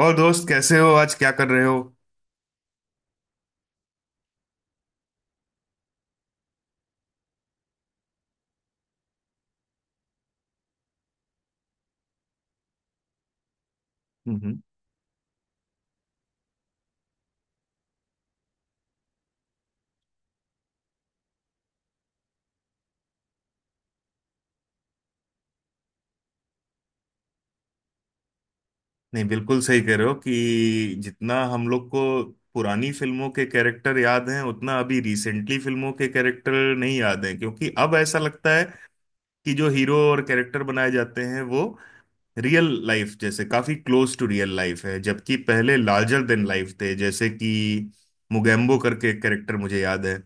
और दोस्त, कैसे हो? आज क्या कर रहे हो? हम्म। नहीं, बिल्कुल सही कह रहे हो कि जितना हम लोग को पुरानी फिल्मों के कैरेक्टर याद हैं, उतना अभी रिसेंटली फिल्मों के कैरेक्टर नहीं याद हैं। क्योंकि अब ऐसा लगता है कि जो हीरो और कैरेक्टर बनाए जाते हैं, वो रियल लाइफ जैसे, काफी क्लोज टू रियल लाइफ है। जबकि पहले लार्जर देन लाइफ थे। जैसे कि मुगेम्बो करके कैरेक्टर मुझे याद है,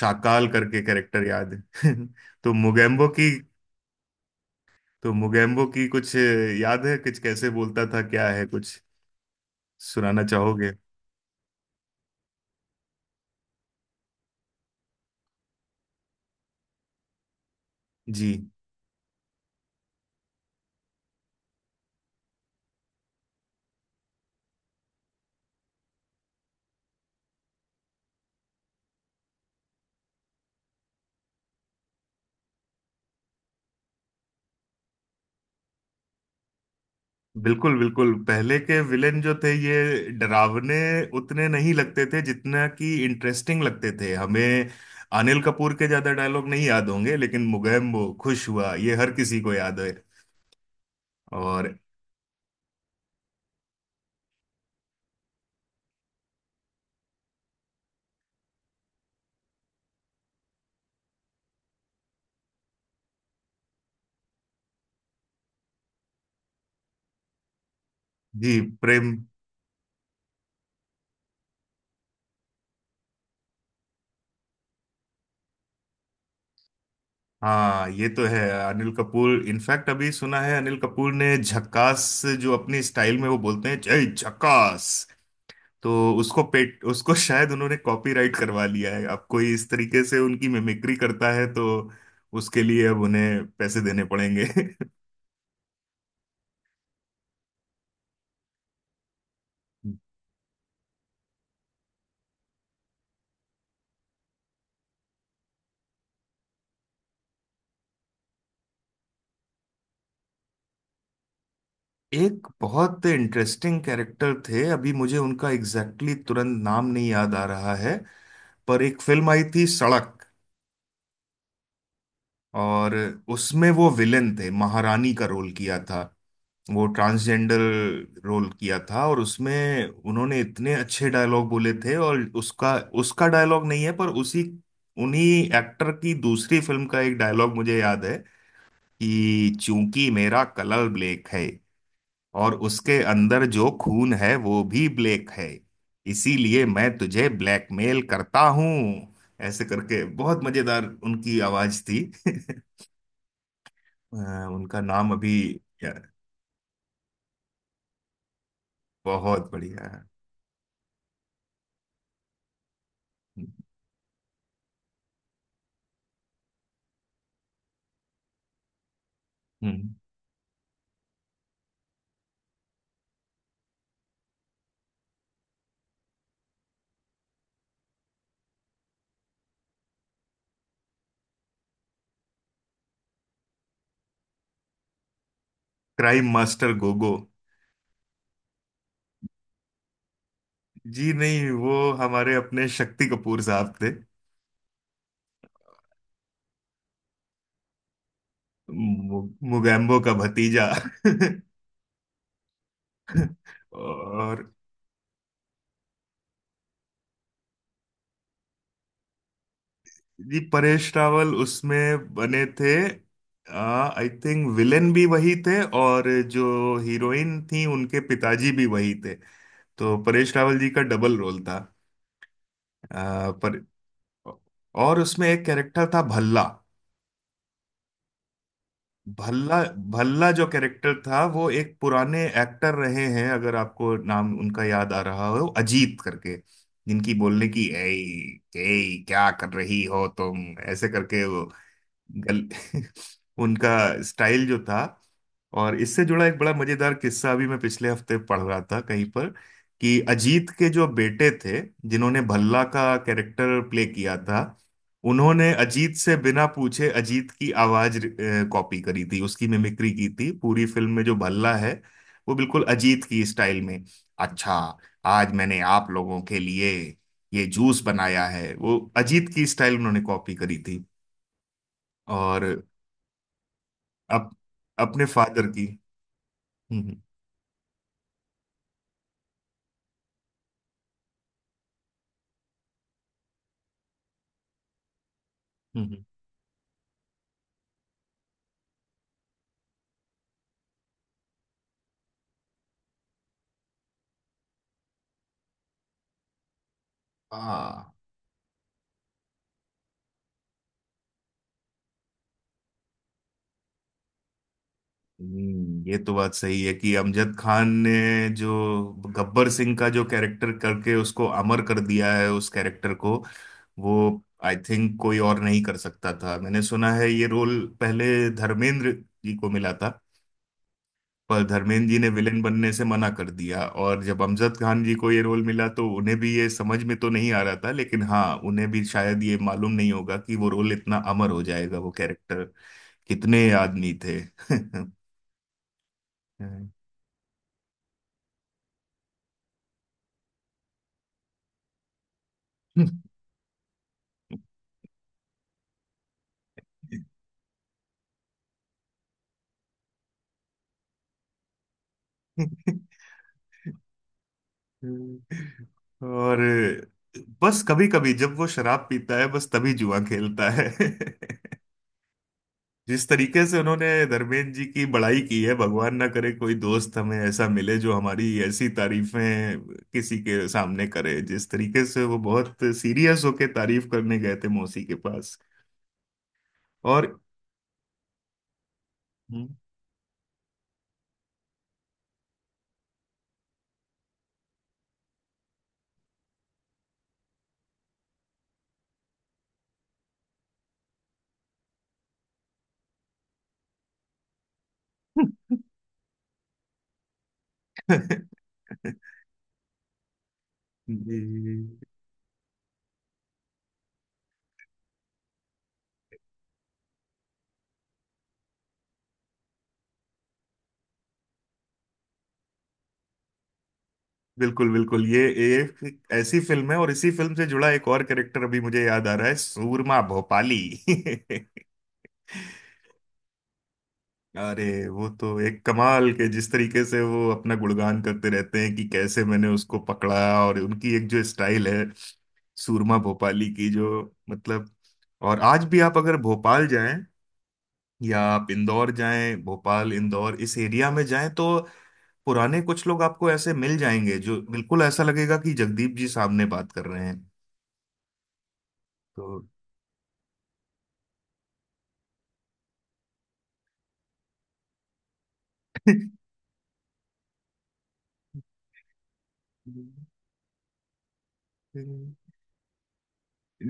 शाकाल करके कैरेक्टर याद है। तो मुगेम्बो की कुछ याद है? कुछ कैसे बोलता था? क्या है, कुछ सुनाना चाहोगे? जी, बिल्कुल बिल्कुल। पहले के विलेन जो थे, ये डरावने उतने नहीं लगते थे जितना कि इंटरेस्टिंग लगते थे हमें। अनिल कपूर के ज्यादा डायलॉग नहीं याद होंगे, लेकिन मुगेम्बो खुश हुआ ये हर किसी को याद है। और जी, प्रेम। हाँ, ये तो है। अनिल कपूर इनफैक्ट, अभी सुना है अनिल कपूर ने झक्कास, जो अपनी स्टाइल में वो बोलते हैं, जय झक्कास। तो उसको शायद उन्होंने कॉपीराइट करवा लिया है। अब कोई इस तरीके से उनकी मिमिक्री करता है तो उसके लिए अब उन्हें पैसे देने पड़ेंगे। एक बहुत इंटरेस्टिंग कैरेक्टर थे, अभी मुझे उनका एग्जैक्टली exactly तुरंत नाम नहीं याद आ रहा है, पर एक फिल्म आई थी सड़क, और उसमें वो विलेन थे, महारानी का रोल किया था, वो ट्रांसजेंडर रोल किया था। और उसमें उन्होंने इतने अच्छे डायलॉग बोले थे। और उसका उसका डायलॉग नहीं है, पर उसी उन्हीं एक्टर की दूसरी फिल्म का एक डायलॉग मुझे याद है कि चूंकि मेरा कलर ब्लैक है और उसके अंदर जो खून है वो भी ब्लैक है, इसीलिए मैं तुझे ब्लैकमेल करता हूँ। ऐसे करके, बहुत मजेदार उनकी आवाज थी। उनका नाम अभी। बहुत बढ़िया है। हम्म हम्म। Crime master Gogo. जी नहीं, वो हमारे अपने शक्ति कपूर साहब थे। मुगैम्बो का भतीजा। और जी, परेश रावल उसमें बने थे। आई थिंक विलेन भी वही थे, और जो हीरोइन थी उनके पिताजी भी वही थे। तो परेश रावल जी का डबल रोल था। पर, और उसमें एक कैरेक्टर था भल्ला। भल्ला भल्ला जो कैरेक्टर था, वो एक पुराने एक्टर रहे हैं, अगर आपको नाम उनका याद आ रहा हो, अजीत करके। जिनकी बोलने की, ए क्या कर रही हो तुम, ऐसे करके वो गल उनका स्टाइल जो था। और इससे जुड़ा एक बड़ा मजेदार किस्सा अभी मैं पिछले हफ्ते पढ़ रहा था कहीं पर, कि अजीत के जो बेटे थे, जिन्होंने भल्ला का कैरेक्टर प्ले किया था, उन्होंने अजीत से बिना पूछे अजीत की आवाज कॉपी करी थी, उसकी मिमिक्री की थी। पूरी फिल्म में जो भल्ला है, वो बिल्कुल अजीत की स्टाइल में। अच्छा, आज मैंने आप लोगों के लिए ये जूस बनाया है, वो अजीत की स्टाइल उन्होंने कॉपी करी थी। और अप, अपने फादर की। हम्म हम्म हम्म। हाँ। ये तो बात सही है कि अमजद खान ने जो गब्बर सिंह का जो कैरेक्टर करके उसको अमर कर दिया है, उस कैरेक्टर को, वो, आई थिंक कोई और नहीं कर सकता था। मैंने सुना है ये रोल पहले धर्मेंद्र जी को मिला था, पर धर्मेंद्र जी ने विलेन बनने से मना कर दिया। और जब अमजद खान जी को ये रोल मिला तो उन्हें भी ये समझ में तो नहीं आ रहा था, लेकिन हाँ, उन्हें भी शायद ये मालूम नहीं होगा कि वो रोल इतना अमर हो जाएगा, वो कैरेक्टर। कितने आदमी थे? और बस, कभी कभी जब वो शराब पीता है, बस तभी जुआ खेलता है। जिस तरीके से उन्होंने धर्मेंद्र जी की बड़ाई की है, भगवान ना करे कोई दोस्त हमें ऐसा मिले जो हमारी ऐसी तारीफें किसी के सामने करे। जिस तरीके से वो बहुत सीरियस होके तारीफ करने गए थे मौसी के पास। और हम्म। जी, बिल्कुल बिल्कुल। ये एक ऐसी फिल्म है, और इसी फिल्म से जुड़ा एक और कैरेक्टर अभी मुझे याद आ रहा है, सूरमा भोपाली। अरे वो तो एक कमाल के, जिस तरीके से वो अपना गुणगान करते रहते हैं कि कैसे मैंने उसको पकड़ा। और उनकी एक जो स्टाइल है, सूरमा भोपाली की जो, मतलब। और आज भी आप अगर भोपाल जाएं या आप इंदौर जाएं, भोपाल इंदौर इस एरिया में जाएं, तो पुराने कुछ लोग आपको ऐसे मिल जाएंगे जो, बिल्कुल ऐसा लगेगा कि जगदीप जी सामने बात कर रहे हैं। तो,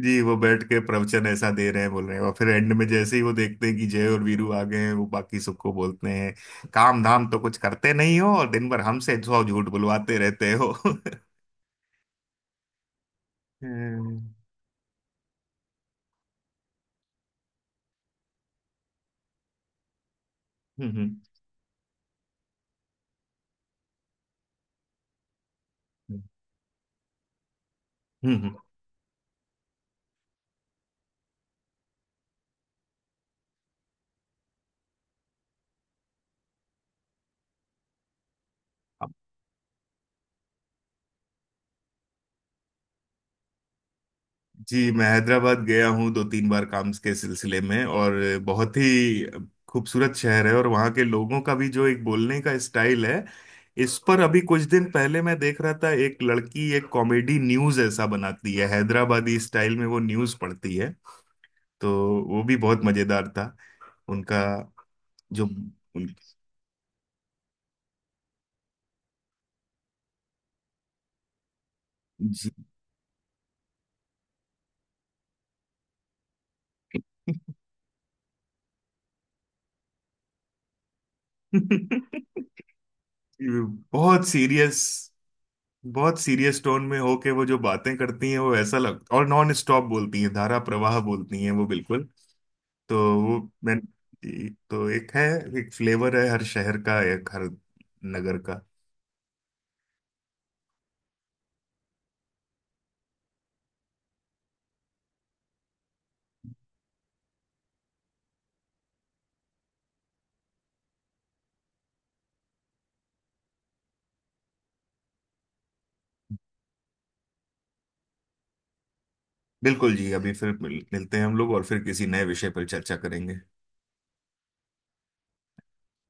जी, वो बैठ के प्रवचन ऐसा दे रहे हैं, बोल रहे हैं, और फिर एंड में जैसे ही वो देखते हैं कि जय और वीरू आ गए हैं, वो बाकी सबको बोलते हैं, काम धाम तो कुछ करते नहीं हो और दिन भर हमसे सौ झूठ बुलवाते रहते हो। हम्म हम्म हम्म हम्म। जी, मैं हैदराबाद गया हूँ दो तीन बार काम के सिलसिले में, और बहुत ही खूबसूरत शहर है। और वहाँ के लोगों का भी जो एक बोलने का स्टाइल है, इस पर अभी कुछ दिन पहले मैं देख रहा था, एक लड़की एक कॉमेडी न्यूज़ ऐसा बनाती है, हैदराबादी स्टाइल में वो न्यूज़ पढ़ती है। तो वो भी बहुत मज़ेदार था उनका। जो उन, जी। बहुत सीरियस, बहुत सीरियस टोन में हो के वो जो बातें करती हैं, वो ऐसा लग, और नॉन स्टॉप बोलती हैं, धारा प्रवाह बोलती हैं वो, बिल्कुल। तो वो, मैं, जी, तो एक है, एक फ्लेवर है हर शहर का, एक हर नगर का। बिल्कुल जी, अभी फिर मिलते हैं हम लोग, और फिर किसी नए विषय पर चर्चा करेंगे।